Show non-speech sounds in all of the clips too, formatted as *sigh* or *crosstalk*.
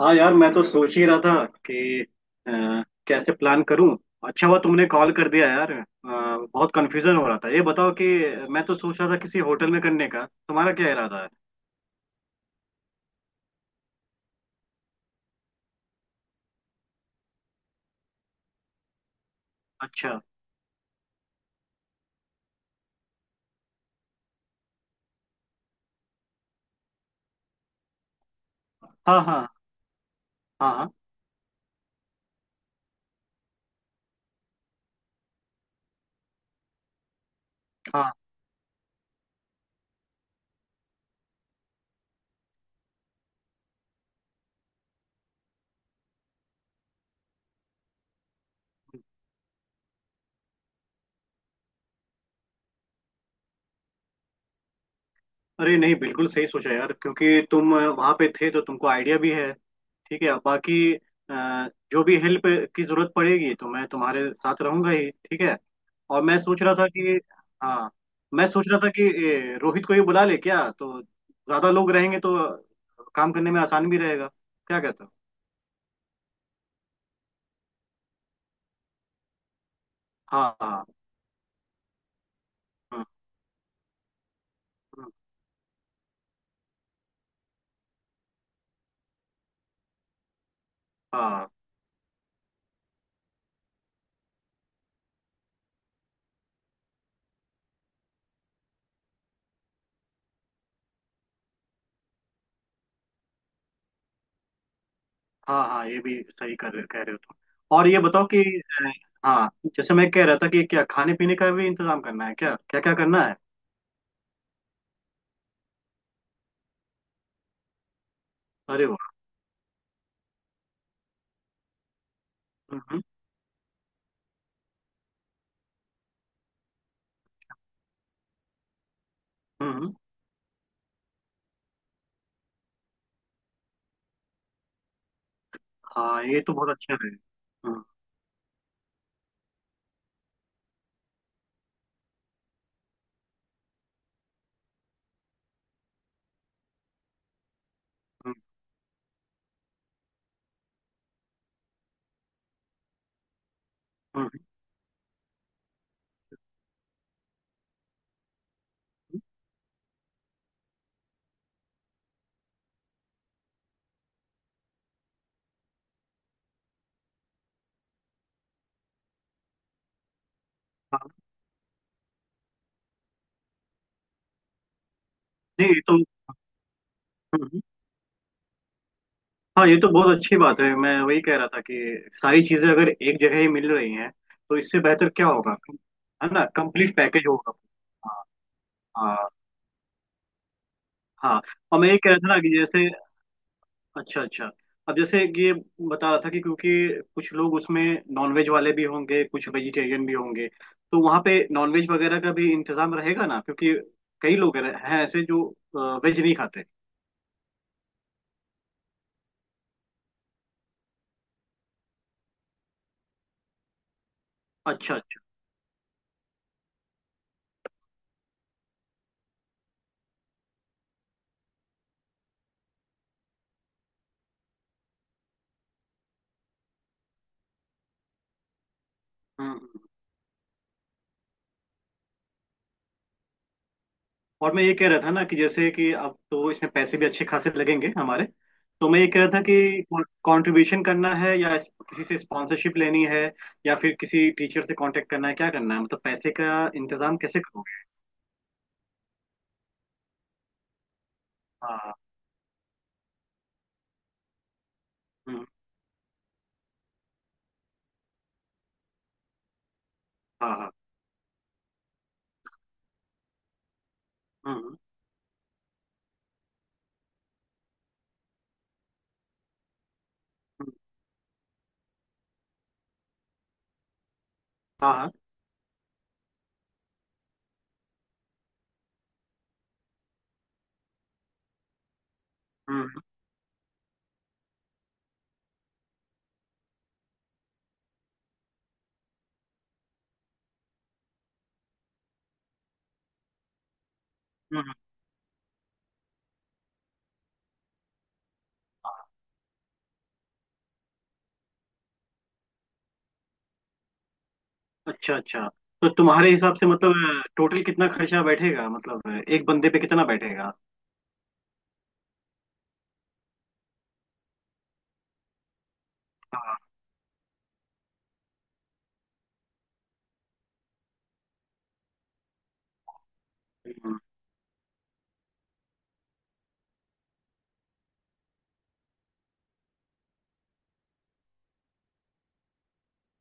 हाँ यार, मैं तो सोच ही रहा था कि अ, कैसे प्लान करूं। अच्छा हुआ तुमने कॉल कर दिया यार, बहुत कंफ्यूजन हो रहा था। ये बताओ कि मैं तो सोच रहा था किसी होटल में करने का, तुम्हारा क्या इरादा है? अच्छा। हाँ, हाँ। हाँ, हाँ, हाँ। अरे नहीं, बिल्कुल सही सोचा यार, क्योंकि तुम वहां पे थे तो तुमको आइडिया भी है। ठीक है, अब बाकी जो भी हेल्प की जरूरत पड़ेगी तो मैं तुम्हारे साथ रहूंगा ही, ठीक है। और मैं सोच रहा था कि, हाँ, मैं सोच रहा था कि रोहित को ही बुला ले क्या, तो ज्यादा लोग रहेंगे तो काम करने में आसान भी रहेगा। क्या कहते हो? हाँ, हाँ। हम्म। हम्म। हाँ, हाँ। हाँ, ये भी सही कर रहे कह रहे हो तुम। और ये बताओ कि अ, हाँ, जैसे मैं कह रहा था कि क्या खाने पीने का भी इंतजाम करना है, क्या क्या क्या करना है? अरे वाह। हम्म। हम्म। हम्म। हाँ, ये तो बहुत अच्छा है। हम्म। हम्म। हम्म। हम्म। हाँ नहीं, ये तो। हम्म। हम्म। हाँ, ये तो बहुत अच्छी बात है। मैं वही कह रहा था कि सारी चीजें अगर एक जगह ही मिल रही हैं तो इससे बेहतर क्या होगा, है ना, कंप्लीट पैकेज होगा। हाँ। हाँ। हाँ। और मैं ये कह रहा था ना कि जैसे, अच्छा अच्छा, अब जैसे कि ये बता रहा था कि क्योंकि कुछ लोग उसमें नॉनवेज वाले भी होंगे कुछ वेजिटेरियन भी होंगे, तो वहाँ पे नॉनवेज वगैरह का भी इंतजाम रहेगा ना, क्योंकि कई लोग हैं ऐसे जो वेज नहीं खाते। अच्छा अच्छा। हम्म। हम्म। और मैं ये कह रहा था ना कि जैसे कि अब तो इसमें पैसे भी अच्छे खासे लगेंगे हमारे, तो मैं ये कह रहा था कि कंट्रीब्यूशन करना है या किसी से स्पॉन्सरशिप लेनी है या फिर किसी टीचर से कांटेक्ट करना है, क्या करना है मतलब? पैसे का इंतजाम कैसे करोगे? हाँ, हाँ। हम्म। हाँ, हाँ। हम्म। हम्म। हाँ, हाँ। हम्म। हम्म। हम्म। अच्छा अच्छा। तो तुम्हारे हिसाब से मतलब टोटल कितना खर्चा बैठेगा, मतलब एक बंदे पे कितना बैठेगा? हाँ। हम्म।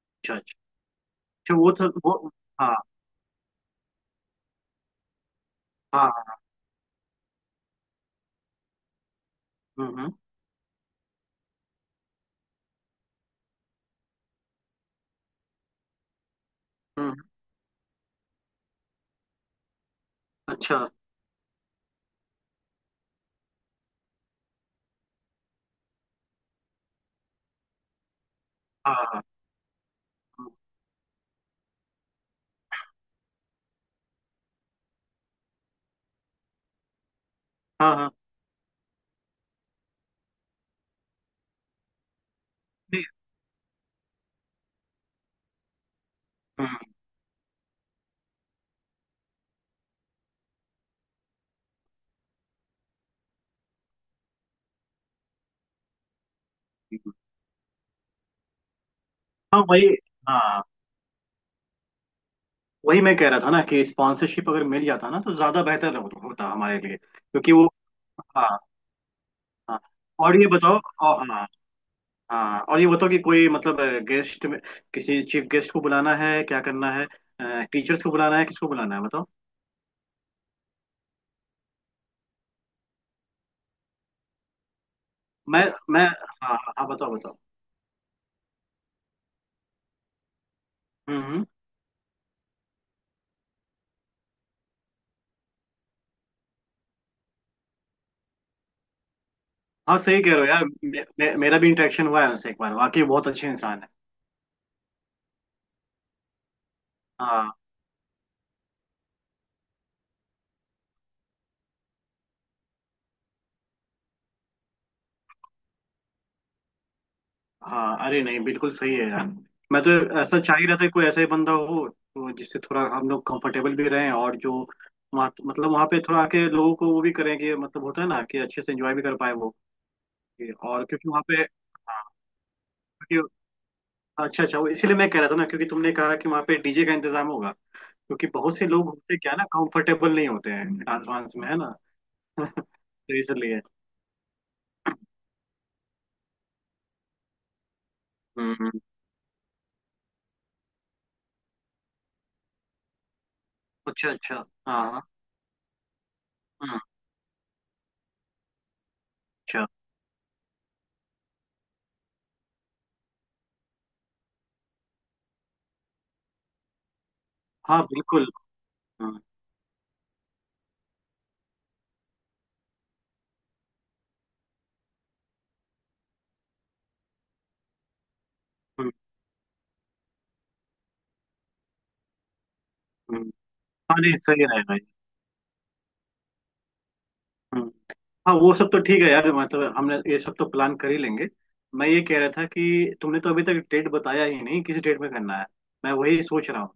अच्छा अच्छा। अच्छा, वो तो वो। हाँ, हाँ, हाँ। हम्म। हम्म। हम्म। अच्छा। हाँ, हाँ। हम्म। हाँ, हाँ, नहीं। हम्म। हम्म। हाँ, वही। हाँ, वही मैं कह रहा था ना कि स्पॉन्सरशिप अगर मिल जाता ना तो ज्यादा बेहतर होता हमारे लिए, क्योंकि वो। हाँ। हाँ, और ये बताओ। और, हाँ। हाँ, और ये बताओ कि कोई मतलब गेस्ट में किसी चीफ गेस्ट को बुलाना है, क्या करना है? टीचर्स को बुलाना है, किसको बुलाना है, बताओ। मैं मैं हाँ, हाँ, हाँ, बताओ बताओ। हम्म। हम्म। हाँ, सही कह रहे हो यार, मे, मे, मेरा भी इंटरेक्शन हुआ है उनसे एक बार, वाकई बहुत अच्छे इंसान है। हाँ, हाँ। अरे नहीं, बिल्कुल सही है यार। मैं तो ऐसा चाह ही रहा था कि कोई ऐसा ही बंदा हो तो जिससे थोड़ा हम लोग कंफर्टेबल भी रहें और जो वहाँ मतलब वहाँ पे थोड़ा आके लोगों को वो भी करें कि मतलब होता है ना कि अच्छे से एंजॉय भी कर पाए वो। और क्योंकि वहाँ पे, हाँ, क्योंकि, अच्छा अच्छा, वो इसीलिए मैं कह रहा था ना क्योंकि तुमने कहा कि वहाँ पे डीजे का इंतजाम होगा, क्योंकि बहुत से लोग होते क्या है ना, कंफर्टेबल नहीं होते हैं डांस वांस में, है ना। *laughs* तो इसलिए। हम्म। हम्म। अच्छा अच्छा। हाँ, हाँ। हम्म। अच्छा। हाँ, बिल्कुल। हम्म। हम्म। हम्म। हाँ नहीं, सही रहेगा ये। हम्म। हाँ, वो सब तो ठीक है यार, मतलब हमने ये सब तो प्लान कर ही लेंगे। मैं ये कह रहा था कि तुमने तो अभी तक डेट बताया ही नहीं, किस डेट में करना है? मैं वही सोच रहा हूँ।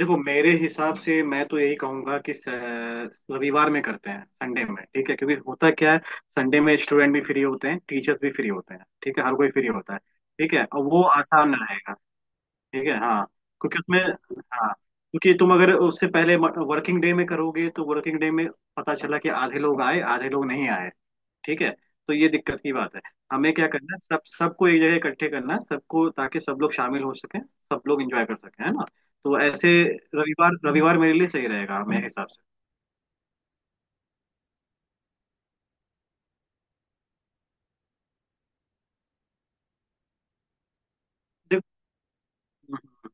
देखो मेरे हिसाब से, मैं तो यही कहूंगा कि रविवार में करते हैं, संडे में, ठीक है, क्योंकि होता क्या है, संडे में स्टूडेंट भी फ्री होते हैं, टीचर्स भी फ्री होते हैं, ठीक है, हर कोई फ्री होता है। ठीक है, और वो आसान रहेगा। ठीक है। हाँ, क्योंकि उसमें, हाँ, क्योंकि तुम अगर उससे पहले वर्किंग डे में करोगे तो वर्किंग डे में पता चला कि आधे लोग आए आधे लोग नहीं आए, ठीक है, तो ये दिक्कत की बात है। हमें क्या करना है, सब सबको एक जगह इकट्ठे करना है सबको, ताकि सब लोग शामिल हो सके सब लोग एंजॉय कर सके, है ना। तो ऐसे, रविवार, रविवार मेरे लिए सही रहेगा, मेरे हिसाब से। देखो,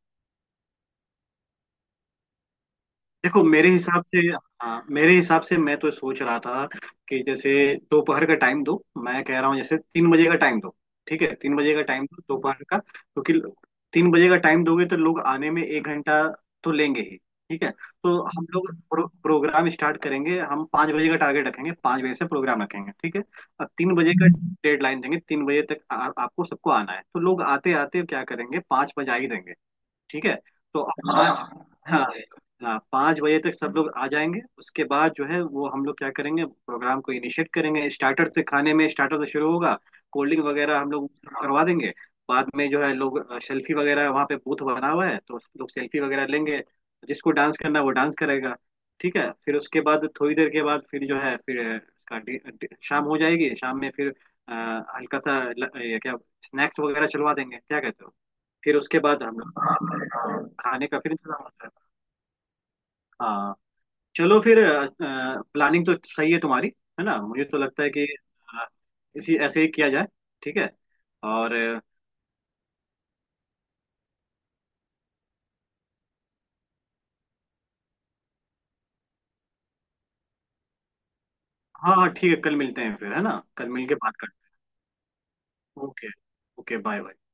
देखो मेरे हिसाब से, हाँ, मेरे हिसाब से मैं तो सोच रहा था कि जैसे दोपहर का टाइम दो, मैं कह रहा हूँ, जैसे तीन बजे का टाइम दो, ठीक है, 3 बजे का टाइम दो दोपहर का, क्योंकि 3 बजे का टाइम दोगे तो लोग आने में एक घंटा तो लेंगे ही, ठीक है। तो हम लोग प्रोग्राम स्टार्ट करेंगे, हम पाँच बजे का टारगेट रखेंगे, 5 बजे से प्रोग्राम रखेंगे, ठीक है। और 3 बजे का डेडलाइन देंगे, 3 बजे तक आपको सबको आना है, तो लोग आते आते क्या करेंगे, पाँच बजा ही देंगे, ठीक है। तो पाँच, हाँ, हाँ, हाँ, 5 बजे तक सब लोग आ जाएंगे, उसके बाद जो है वो हम लोग क्या करेंगे, प्रोग्राम को इनिशिएट करेंगे, स्टार्टर से, खाने में स्टार्टर से शुरू होगा, कोल्ड ड्रिंक वगैरह हम लोग करवा देंगे। बाद में जो है, लोग सेल्फी वगैरह, वहाँ पे बूथ बना हुआ है तो लोग सेल्फी वगैरह लेंगे, जिसको डांस करना है वो डांस करेगा, ठीक है। फिर उसके बाद थोड़ी देर के बाद फिर जो है, फिर इसका डि- डि- शाम हो जाएगी, शाम में फिर अ, हल्का सा ये क्या, स्नैक्स वगैरह चलवा देंगे, क्या कहते हो? फिर उसके बाद हम लोग खाने का फिर इंतजाम होता है। हाँ, चलो फिर, प्लानिंग तो सही है तुम्हारी, है ना, मुझे तो लगता है कि अ, इसी ऐसे ही किया जाए, ठीक है। और हाँ, हाँ ठीक है, कल मिलते हैं फिर, है ना, कल मिल के बात करते हैं। ओके। Okay bye bye.